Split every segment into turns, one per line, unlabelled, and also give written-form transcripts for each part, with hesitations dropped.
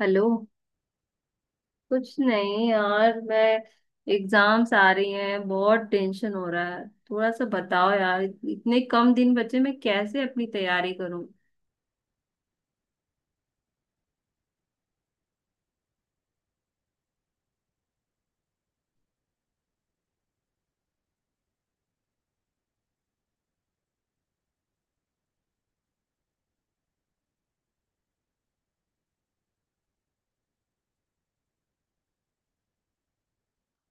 Hello. कुछ नहीं यार मैं एग्जाम्स आ रही हैं बहुत टेंशन हो रहा है। थोड़ा सा बताओ यार, इतने कम दिन बचे मैं कैसे अपनी तैयारी करूं।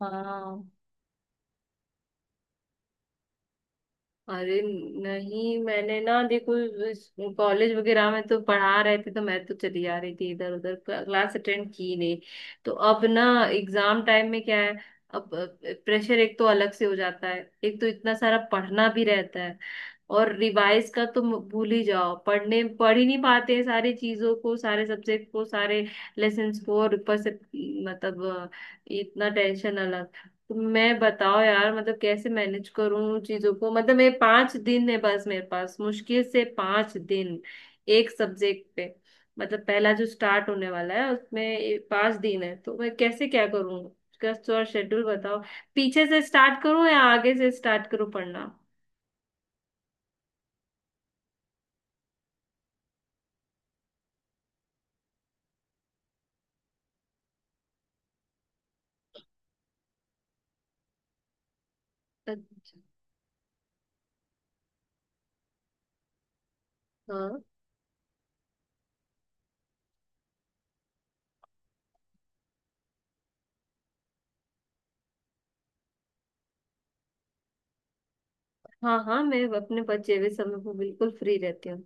हाँ। अरे नहीं, मैंने ना देखो कॉलेज वगैरह में तो पढ़ा रहे थे तो मैं तो चली जा रही थी, इधर उधर क्लास अटेंड की नहीं। तो अब ना एग्जाम टाइम में क्या है, अब प्रेशर एक तो अलग से हो जाता है, एक तो इतना सारा पढ़ना भी रहता है। और रिवाइज का तो भूल ही जाओ, पढ़ने पढ़ ही नहीं पाते हैं सारी चीजों को, सारे सब्जेक्ट को, सारे लेसन्स को, और ऊपर से मतलब अ, इतना टेंशन अलग। तो मैं बताओ यार मतलब कैसे मैनेज करूं उन चीजों को। मतलब मैं पांच दिन है बस मेरे पास, मुश्किल से पांच दिन एक सब्जेक्ट पे। मतलब पहला जो स्टार्ट होने वाला है उसमें ये पांच दिन है, तो मैं कैसे क्या करूं उसका थोड़ा शेड्यूल बताओ। पीछे से स्टार्ट करूं या आगे से स्टार्ट करूं पढ़ना। अच्छा। हाँ, हाँ, हाँ मैं अपने बचे हुए समय पर बिल्कुल फ्री रहती हूँ।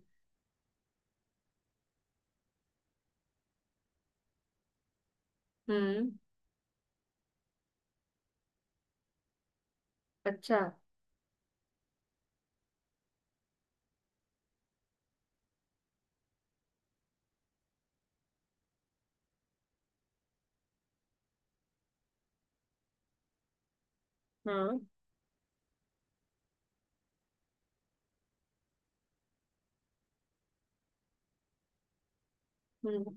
हम्म। अच्छा। हाँ। हम्म।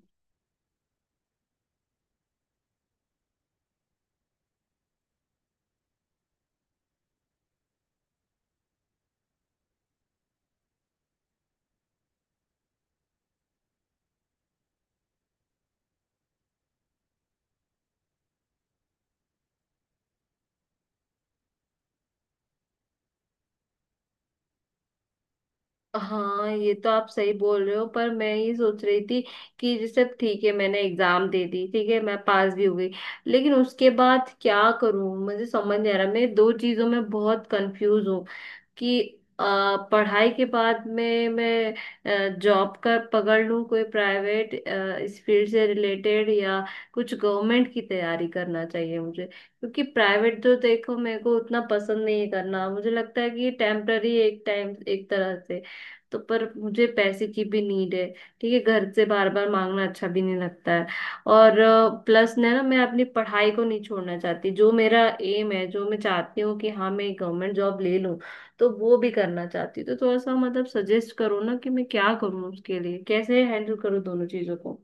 हाँ, ये तो आप सही बोल रहे हो, पर मैं ये सोच रही थी कि जैसे ठीक है मैंने एग्जाम दे दी, ठीक है मैं पास भी हो गई, लेकिन उसके बाद क्या करूँ मुझे समझ नहीं आ रहा। मैं दो चीजों में बहुत कंफ्यूज हूँ कि अ, पढ़ाई के बाद में मैं जॉब का पकड़ लूं कोई प्राइवेट, इस फील्ड से रिलेटेड, या कुछ गवर्नमेंट की तैयारी करना चाहिए मुझे। क्योंकि प्राइवेट जो देखो मेरे को उतना पसंद नहीं है करना, मुझे लगता है कि ये टेम्पररी एक टाइम एक तरह से। तो पर मुझे पैसे की भी नीड है, ठीक है, घर से बार बार मांगना अच्छा भी नहीं लगता है। और प्लस ना ना मैं अपनी पढ़ाई को नहीं छोड़ना चाहती, जो मेरा एम है, जो मैं चाहती हूँ कि हाँ मैं गवर्नमेंट जॉब ले लूँ, तो वो भी करना चाहती हूँ। तो थोड़ा सा मतलब सजेस्ट करो ना कि मैं क्या करूँ, उसके लिए कैसे हैंडल करूँ दोनों चीजों को।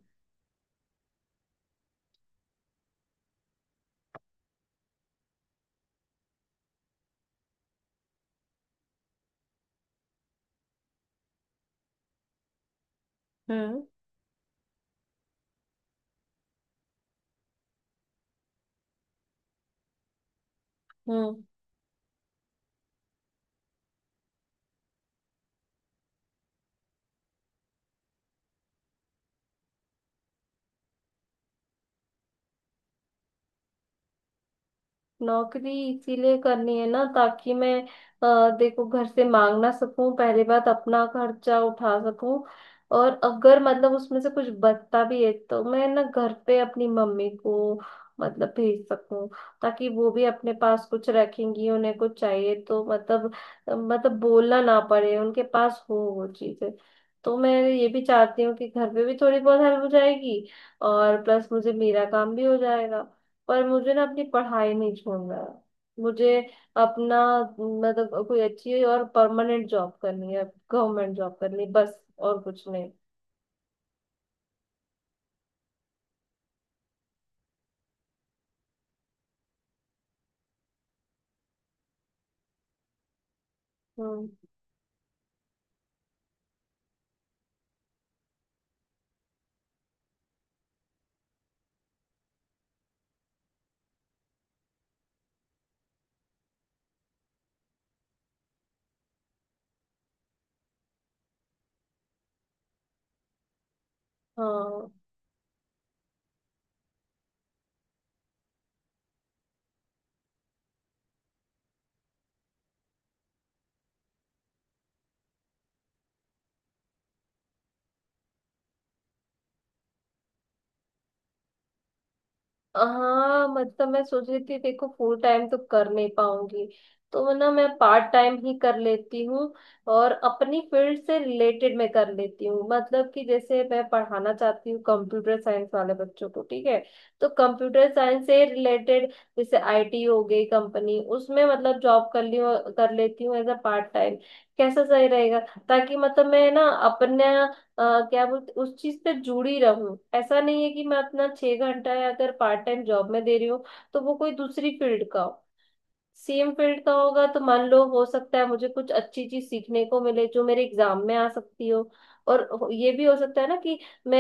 हम्म। हम्म। नौकरी इसीलिए करनी है ना ताकि मैं देखो घर से मांग ना सकूं, पहली बात अपना खर्चा उठा सकूं, और अगर मतलब उसमें से कुछ बचता भी है तो मैं ना घर पे अपनी मम्मी को मतलब भेज सकूं, ताकि वो भी अपने पास कुछ रखेंगी, उन्हें कुछ चाहिए तो मतलब मतलब बोलना ना पड़े, उनके पास हो वो चीजें। तो मैं ये भी चाहती हूँ कि घर पे भी थोड़ी बहुत हेल्प हो जाएगी, और प्लस मुझे मेरा काम भी हो जाएगा। पर मुझे ना अपनी पढ़ाई नहीं छोड़ना है, मुझे अपना मतलब कोई अच्छी और परमानेंट जॉब करनी है, गवर्नमेंट जॉब करनी, बस और कुछ नहीं। हम्म। हाँ, हाँ मतलब मैं सोच रही थी, देखो फुल टाइम तो कर नहीं पाऊंगी, तो ना मैं पार्ट टाइम ही कर लेती हूँ, और अपनी फील्ड से रिलेटेड मैं कर लेती हूँ, मतलब कि जैसे मैं पढ़ाना चाहती हूँ कंप्यूटर साइंस वाले बच्चों को, ठीक है। तो कंप्यूटर साइंस से रिलेटेड, जैसे आईटी हो गई कंपनी, उसमें मतलब जॉब कर ली, कर लेती हूँ एज अ पार्ट टाइम, कैसा सही रहेगा। ताकि मतलब मैं ना अपने क्या बोलते उस चीज पे जुड़ी रहूं। ऐसा नहीं है कि मैं अपना छह घंटा या अगर पार्ट टाइम जॉब में दे रही हूँ तो वो कोई दूसरी फील्ड का हो, सेम फील्ड का होगा तो मान लो हो सकता है मुझे कुछ अच्छी चीज सीखने को मिले जो मेरे एग्जाम में आ सकती हो। और ये भी हो सकता है ना कि मैं,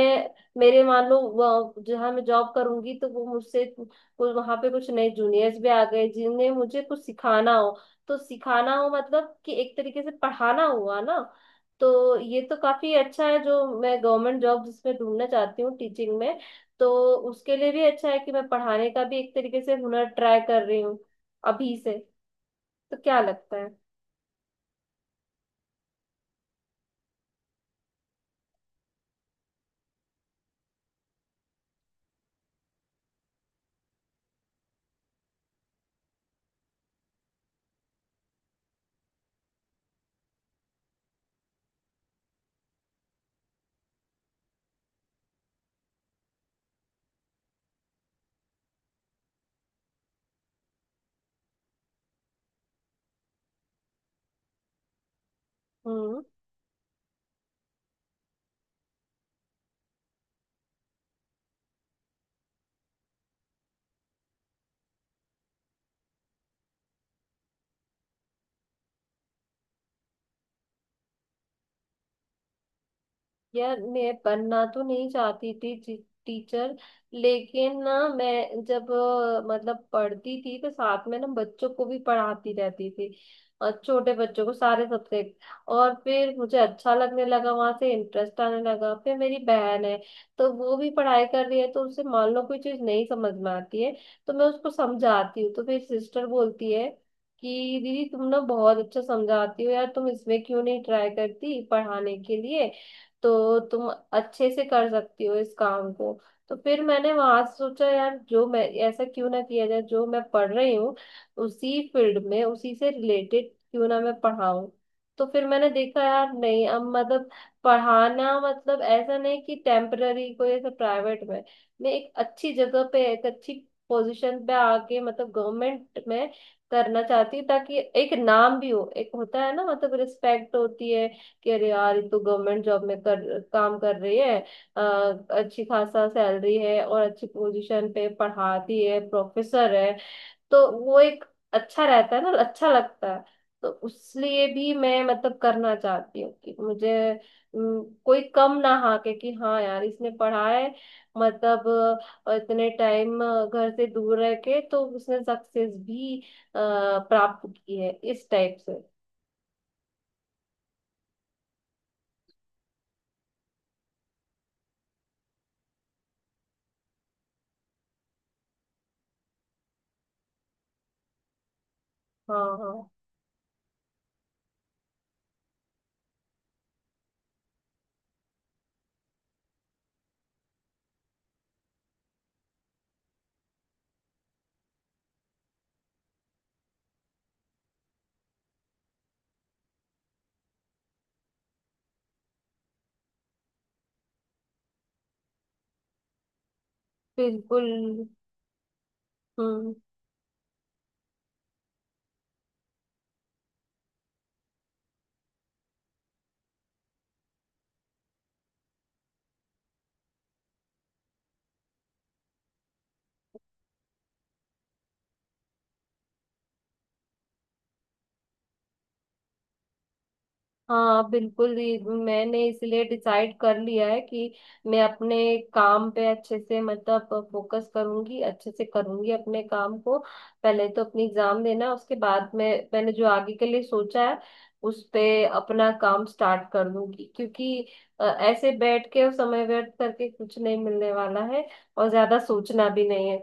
मेरे मान लो जहाँ मैं जॉब करूंगी तो वो मुझसे कुछ वहां पे कुछ नए जूनियर्स भी आ गए जिन्हें मुझे कुछ सिखाना हो, तो सिखाना हो मतलब कि एक तरीके से पढ़ाना हुआ ना। तो ये तो काफी अच्छा है, जो मैं गवर्नमेंट जॉब जिसमें ढूंढना चाहती हूँ टीचिंग में, तो उसके लिए भी अच्छा है कि मैं पढ़ाने का भी एक तरीके से हुनर ट्राई कर रही हूँ अभी से। तो क्या लगता है। हम्म। यार मैं बनना तो नहीं चाहती थी टीचर, लेकिन ना मैं जब मतलब पढ़ती थी तो साथ में ना बच्चों को भी पढ़ाती रहती थी, और छोटे बच्चों को सारे सब्जेक्ट। और फिर मुझे अच्छा लगने लगा, वहां से इंटरेस्ट आने लगा। फिर मेरी बहन है, तो वो भी पढ़ाई कर रही है, तो उसे मान लो कोई चीज नहीं समझ में आती है तो मैं उसको समझाती हूँ, तो मेरी सिस्टर बोलती है कि दीदी तुम ना बहुत अच्छा समझाती हो यार, तुम इसमें क्यों नहीं ट्राई करती पढ़ाने के लिए, तो तुम अच्छे से कर सकती हो इस काम को। तो फिर मैंने वहां से सोचा यार, जो मैं ऐसा क्यों ना किया जाए, जो मैं पढ़ रही हूँ उसी फील्ड में, उसी से रिलेटेड क्यों ना मैं पढ़ाऊँ। तो फिर मैंने देखा यार, नहीं अब मतलब पढ़ाना मतलब ऐसा नहीं कि टेम्पररी कोई ऐसा प्राइवेट में, मैं एक अच्छी जगह पे एक अच्छी पोजीशन पे आके मतलब गवर्नमेंट में करना चाहती हूँ, ताकि एक नाम भी हो, एक होता है ना मतलब रिस्पेक्ट होती है कि अरे यार ये तो गवर्नमेंट जॉब में कर काम कर रही है, अ, अच्छी खासा सैलरी है और अच्छी पोजीशन पे पढ़ाती है, प्रोफेसर है। तो वो एक अच्छा रहता है ना, अच्छा लगता है। तो उसलिए भी मैं मतलब करना चाहती हूँ कि मुझे कोई कम ना हाके कि हाँ यार इसने पढ़ा है, मतलब इतने टाइम घर से दूर रह के तो उसने सक्सेस भी अ, प्राप्त की है इस टाइप से। हाँ, हाँ, बिल्कुल। हम्म। हाँ बिल्कुल, ये मैंने इसलिए डिसाइड कर लिया है कि मैं अपने काम पे अच्छे से मतलब फोकस करूंगी, अच्छे से करूंगी अपने काम को। पहले तो अपनी एग्जाम देना, उसके बाद में मैंने जो आगे के लिए सोचा है उस पे अपना काम स्टार्ट कर दूंगी। क्योंकि ऐसे बैठ के और समय व्यर्थ करके कुछ नहीं मिलने वाला है, और ज्यादा सोचना भी नहीं है।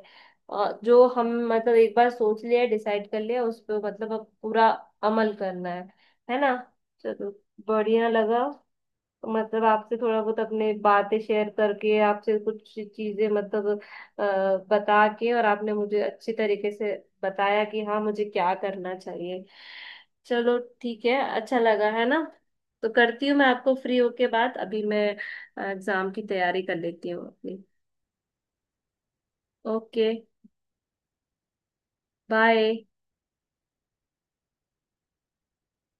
जो हम मतलब एक बार सोच लिया डिसाइड कर लिया उस पे मतलब अब पूरा अमल करना है ना। चलो, बढ़िया लगा। तो मतलब आपसे थोड़ा बहुत अपने बातें शेयर करके आपसे कुछ चीजें मतलब अ, बता के, और आपने मुझे अच्छी तरीके से बताया कि हाँ मुझे क्या करना चाहिए। चलो ठीक है, अच्छा लगा है ना। तो करती हूँ मैं आपको फ्री होके बात, अभी मैं एग्जाम की तैयारी कर लेती हूँ अपनी। ओके। बाय।